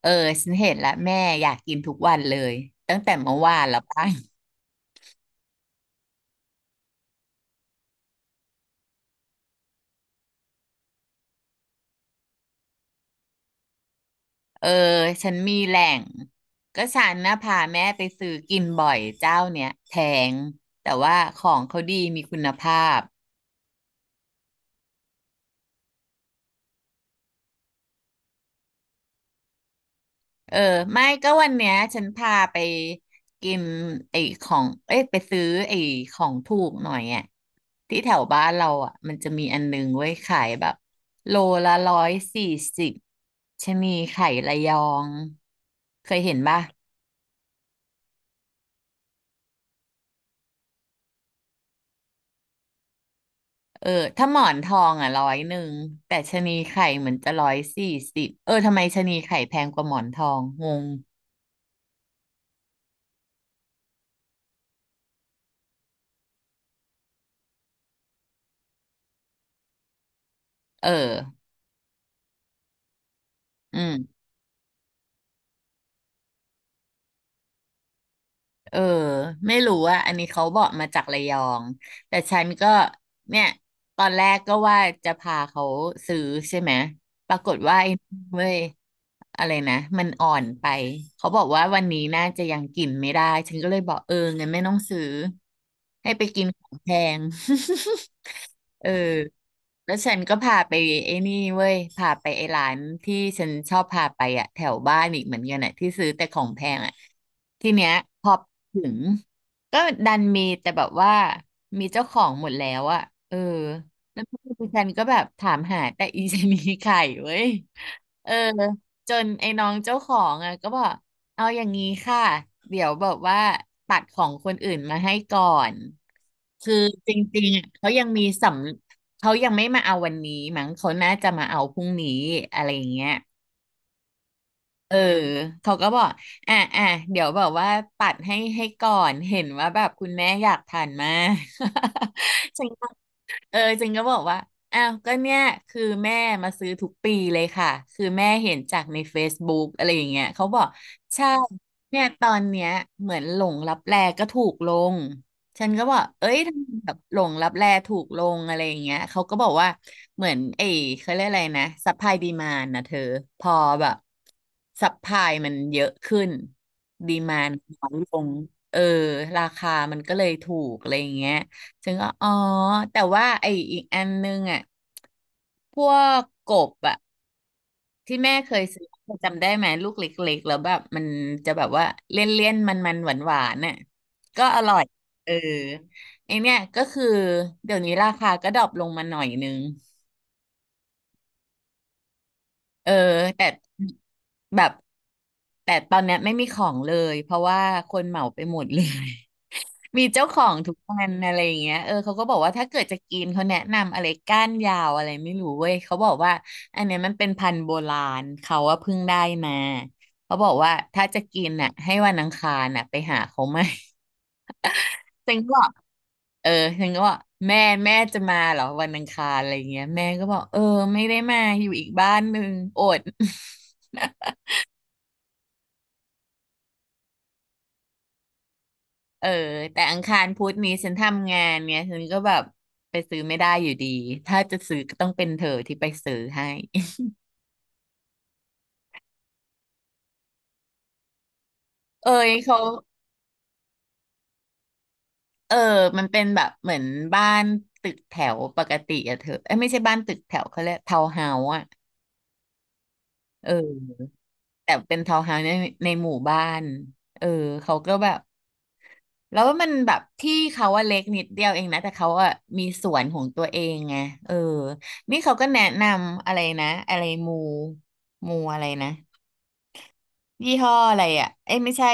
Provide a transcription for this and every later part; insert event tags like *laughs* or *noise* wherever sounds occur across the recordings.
เออฉันเห็นแล้วแม่อยากกินทุกวันเลยตั้งแต่เมื่อวานแล้วป่ะเออฉันมีแหล่งก็ฉันนะพาแม่ไปซื้อกินบ่อยเจ้าเนี้ยแพงแต่ว่าของเขาดีมีคุณภาพเออไม่ก็วันเนี้ยฉันพาไปกินไอ้ของเอ้ยไปซื้อไอ้ของถูกหน่อยอ่ะที่แถวบ้านเราอ่ะมันจะมีอันนึงไว้ยขายแบบโลละร้อยสี่สิบชะนีไข่ระยองเคยเห็นป่ะ เออถ้าหมอนทองอ่ะ100แต่ชะนีไข่เหมือนจะร้อยสี่สิบเออทำไมชะนีไข่แพงกว่าหมอนทองงงเอออืมเออไม่รู้ว่าอะอันนี้เขาบอกมาจากระยองแต่ฉันก็เนี่ยตอนแรกก็ว่าจะพาเขาซื้อใช่ไหมปรากฏว่าไอ้เว้ยอะไรนะมันอ่อนไปเขาบอกว่าวันนี้น่าจะยังกินไม่ได้ฉันก็เลยบอกเอองั้นไม่ต้องซื้อให้ไปกินของแพง *laughs* เออแล้วฉันก็พาไปไอ้นี่เว้ยพาไปไอ้ร้านที่ฉันชอบพาไปอะแถวบ้านอีกเหมือนกันอะที่ซื้อแต่ของแพงอะทีเนี้ยพอถึงก็ดันมีแต่แบบว่ามีเจ้าของหมดแล้วอะเออแล้วพวกฉันก็แบบถามหาแต่อีชะนีไข่เว้ย เออจนไอ้น้องเจ้าของอ่ะก็บอกเอาอย่างนี้ค่ะเดี๋ยวแบบว่าตัดของคนอื่นมาให้ก่อนคือจริงๆอะเขายังมีสำเขายังไม่มาเอาวันนี้มั้งเขาน่าจะมาเอาพรุ่งนี้อะไรอย่างเงี้ยเออเขาก็บอกอ่ะอ่ะเดี๋ยวแบบว่าปัดให้ก่อนเห็นว่าแบบคุณแม่อยากทานมาก *laughs* ฉันก็ เออจริงก็บอกว่าอ้าวก็เนี่ยคือแม่มาซื้อทุกปีเลยค่ะ คือแม่เห็นจากใน Facebook อะไรอย่างเงี้ย เขาบอกใช่เนี่ยตอนเนี้ยเหมือนหลงลับแลก็ถูกลง ฉันก็บอกเอ้ยทำไมแบบหลงลับแลถูกลงอะไรอย่างเงี้ย เขาก็บอกว่าเหมือนไอ้เขาเรียกอะไรนะซัพพลายดีมานนะเธอพอแบบซัพพลายมันเยอะขึ้นดีมานน้อยลงเออราคามันก็เลยถูกอะไรอย่างเงี้ย ถึงก็อ๋อแต่ว่าไอ้อีกอันนึงอ่ะพวกกบอ่ะที่แม่เคยซื้อจำได้ไหมลูกเล็กๆแล้วแบบมันจะแบบว่าเลี่ยนๆมันๆหวานๆน่ะก็อร่อยเออไอเนี้ยก็คือเดี๋ยวนี้ราคาก็ดรอปลงมาหน่อยนึงเออแต่แบบแต่ตอนเนี้ยไม่มีของเลยเพราะว่าคนเหมาไปหมดเลย มีเจ้าของทุกวันอะไรอย่างเงี้ยเออเขาก็บอกว่าถ้าเกิดจะกินเขาแนะนำอะไรก้านยาวอะไรไม่รู้เว้ยเขาบอกว่าอันเนี้ยมันเป็นพันธุ์โบราณเขาว่าเพิ่งได้มาเขาบอกว่าถ้าจะกินน่ะให้วันอังคารน่ะไปหาเขาไหม *laughs* ฉันก็บอกเออฉันก็บอกแม่แม่จะมาเหรอวันอังคารอะไรอย่างเงี้ยแม่ก็บอกเออไม่ได้มาอยู่อีกบ้านหนึ่งอด *laughs* เออแต่อังคารพุธนี้ฉันทำงานเนี่ยฉันก็แบบไปซื้อไม่ได้อยู่ดีถ้าจะซื้อก็ต้องเป็นเธอที่ไปซื้อให้ เอยเขาเออมันเป็นแบบเหมือนบ้านตึกแถวปกติอะเธอเอ้ยไม่ใช่บ้านตึกแถวเขาเรียกทาวน์เฮาส์อะเออแต่เป็นทาวน์เฮาส์ในหมู่บ้านเออเขาก็แบบแล้วมันแบบที่เขาว่าเล็กนิดเดียวเองนะแต่เขาอะมีสวนของตัวเองไงเออนี่เขาก็แนะนำอะไรนะอะไรมูอะไรนะ ยี่ห้ออะไรอ่ะเอ้ยไม่ใช่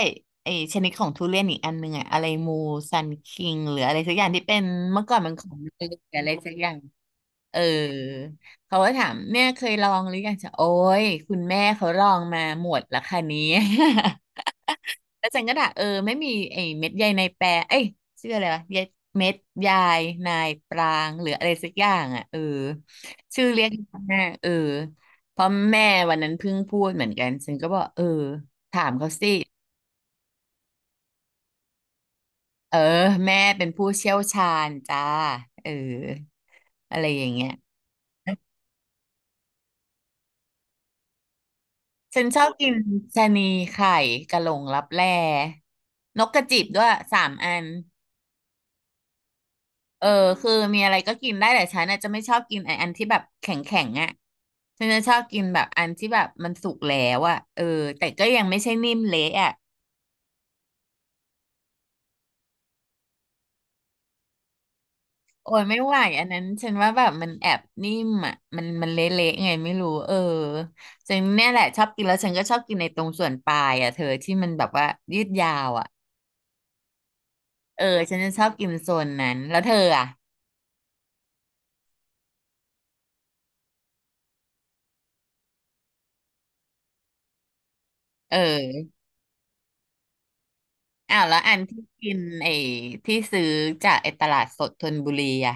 ไอ้ชนิดของทุเรียนอีกอันหนึงอ่ะอะไรมูซันคิงหรืออะไรสักอย่างที่เป็นเมื่อก่อนมันของเมืองหรืออะไรสักอย่าง เออเขาก็ถามเนี่ยเคยลองหรือยังจะโอ้ยคุณแม่เขาลองมาหมดละค่ะเนี้ *laughs* แล้วจันก็ด่าเออไม่มีไอ้เม็ดใยในแปรเอ้ยชื่ออะไรวะเยเม็ดใยนายปรางหรืออะไรสักอย่างอ่ะเออชื่อเรียกแม่เออเพราะแม่วันนั้นเพิ่งพูดเหมือนกันฉันก็บอกเออถามเขาสิเออแม่เป็นผู้เชี่ยวชาญจ้าเอออะไรอย่างเงี้ยฉันชอบกินชะนีไข่กะหลงลับแลนกกระจิบด้วยสามอัน เออคือมีอะไรก็กินได้แต่ฉันน่ะจะไม่ชอบกินไอ้อันที่แบบแข็งแข็งอ่ะฉันจะชอบกินแบบอันที่แบบมันสุกแล้วอ่ะเออแต่ก็ยังไม่ใช่นิ่มเละอ่ะโอ้ยไม่ไหวอันนั้นฉันว่าแบบมันแอบนิ่มอ่ะมันเละๆไงไม่รู้เออฉันเนี่ยแหละชอบกินแล้วฉันก็ชอบกินในตรงส่วนปลายอ่ะเธอที่มันแบบว่ายืดยาวอ่ะเออฉันจะชอบกินโซนนั้นแล้วเธออ่ะเอออ้าวแล้วอันที่กินไอ้ที่ซื้อจากไอ้ตลาดสดธนบุรีอ่ะ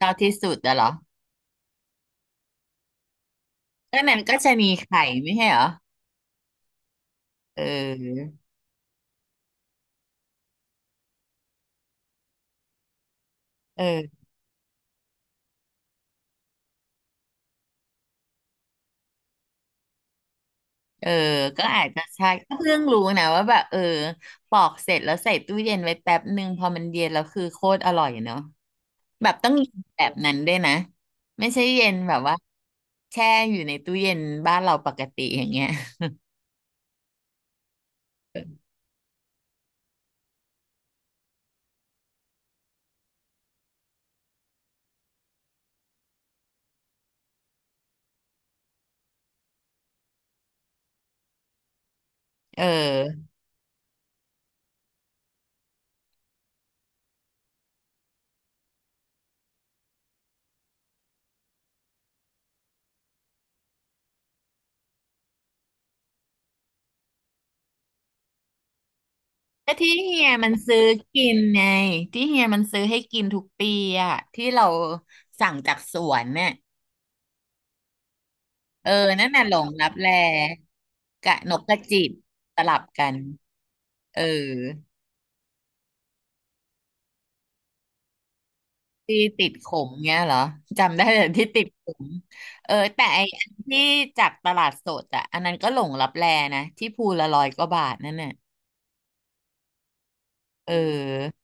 ชอบที่สุดอะเหรอ ก็นั้นก็จะมีไข่ไม่ใช่เหรอ เออเออเออ ก็อาจจะใช่ก็เพิ่งรู้นะว่าแบบเออปอกเสร็จแล้วใส่ตู้เย็นไว้แป๊บหนึ่งพอมันเย็นแล้วคือโคตรอร่อยเนาะแบบต้องเย็นแบบนั้นด้วยนะไม่ใช่เย็นแบบว่าแช่อยู่ในตู้เย็นบ้านเราปกติอย่างเงี้ยเออก็ที่เฮียมันซื้อกินไงที่เฮียมันซื้อให้กินทุกปีอะที่เราสั่งจากสวนเนี่ยเออนั่นน่ะหลงลับแล กะนกกระจิบสลับกันเออที่ติดขมเงี้ยเหรอจำได้แต่ที่ติดขมเออแต่ไออันที่จากตลาดสดอ่ะอันนั้นก็หลงลับแลนะที่ภูละร้อยกว่าบาทนั่นน่ะเออ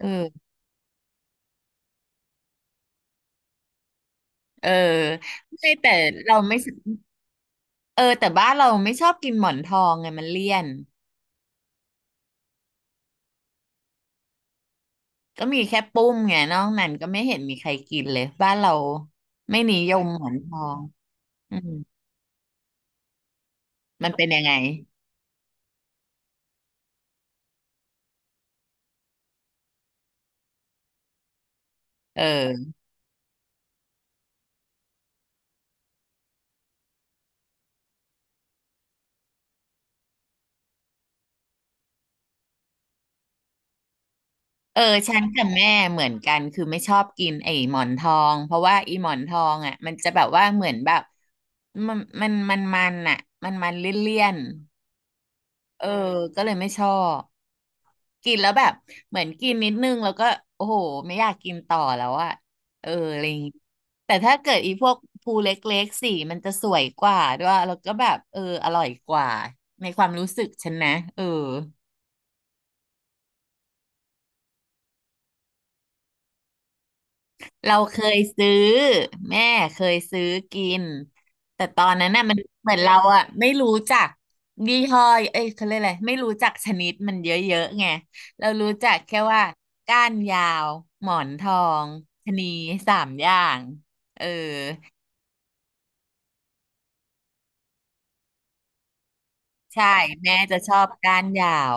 เออเออไม่แต่เราไม่สเออแต่บ้านเราไม่ชอบกินหมอนทองไงมันเลี่ยนก็มีแค่ปุ้มไงนอกนั้นก็ไม่เห็นมีใครกินเลยบ้านเราไม่นิยมหมอนทองอืมมันเป็นยังไงเออ เออฉันกับแม่เหมือนกันคือไม่ชอบกินไอ้หมอนทองเพราะว่าไอ้หมอนทองอ่ะมันจะแบบว่าเหมือนแบบมันอ่ะมันเลี่ยนๆเออก็เลยไม่ชอบกินแล้วแบบเหมือนกินนิดนึงแล้วก็โอ้โหไม่อยากกินต่อแล้วอ่ะเอออะไรอย่างงี้แต่ถ้าเกิดอีพวกภูเล็กๆสีมันจะสวยกว่าด้วยแล้วก็แบบเอออร่อยกว่าในความรู้สึกฉันนะเออ เราเคยซื้อแม่เคยซื้อกินแต่ตอนนั้นน่ะมันเหมือนเราอะไม่รู้จักยี่ห้อเอ้ยเขาเรียกอะไรไม่รู้จักชนิดมันเยอะๆไงเรารู้จักแค่ว่าก้านยาวหมอนทองชะนีสามอย่างเออใช่แม่จะชอบก้านยาว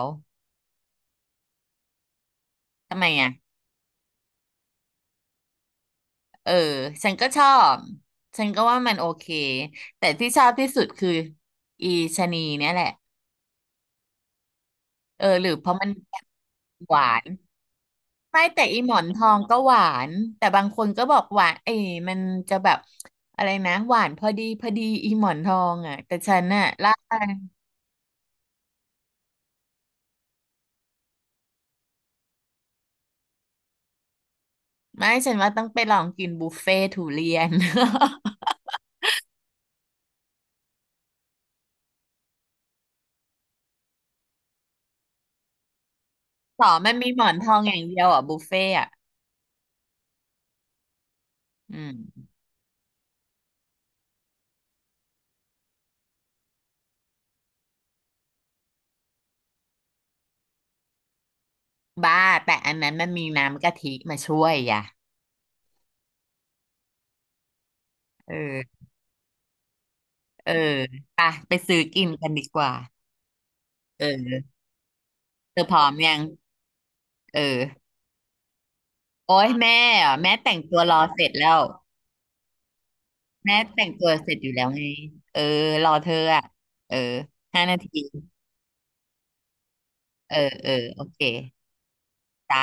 ทำไมอ่ะเออฉันก็ชอบฉันก็ว่ามันโอเคแต่ที่ชอบที่สุดคืออีชะนีเนี่ยแหละเออหรือเพราะมันหวาน ไม่แต่อีหมอนทองก็หวานแต่บางคนก็บอกหวานเอ้ยมันจะแบบอะไรนะหวานพอดีพอดีอีหมอนทองอ่ะแต่ฉันน่ะล่าไม่ฉันว่าต้องไปลองกินบุฟเฟ่ทุเรียน *laughs* ต่อมันมีหมอนทองอย่างเดียวอ่ะบุฟเฟ่อ่ะอืมบ้าแต่อันนั้นมันมีน้ำกะทิมาช่วยอ่ะเออเออไปไปซื้อกินกันดีกว่าเออเธอพร้อมยังเออโอ๊ยแม่อ่ะแม่แต่งตัวรอเสร็จแล้ว แม่แต่งตัวเสร็จอยู่แล้วไง เออรอเธออ่ะเออ5 นาที เออเออโอเคจ้า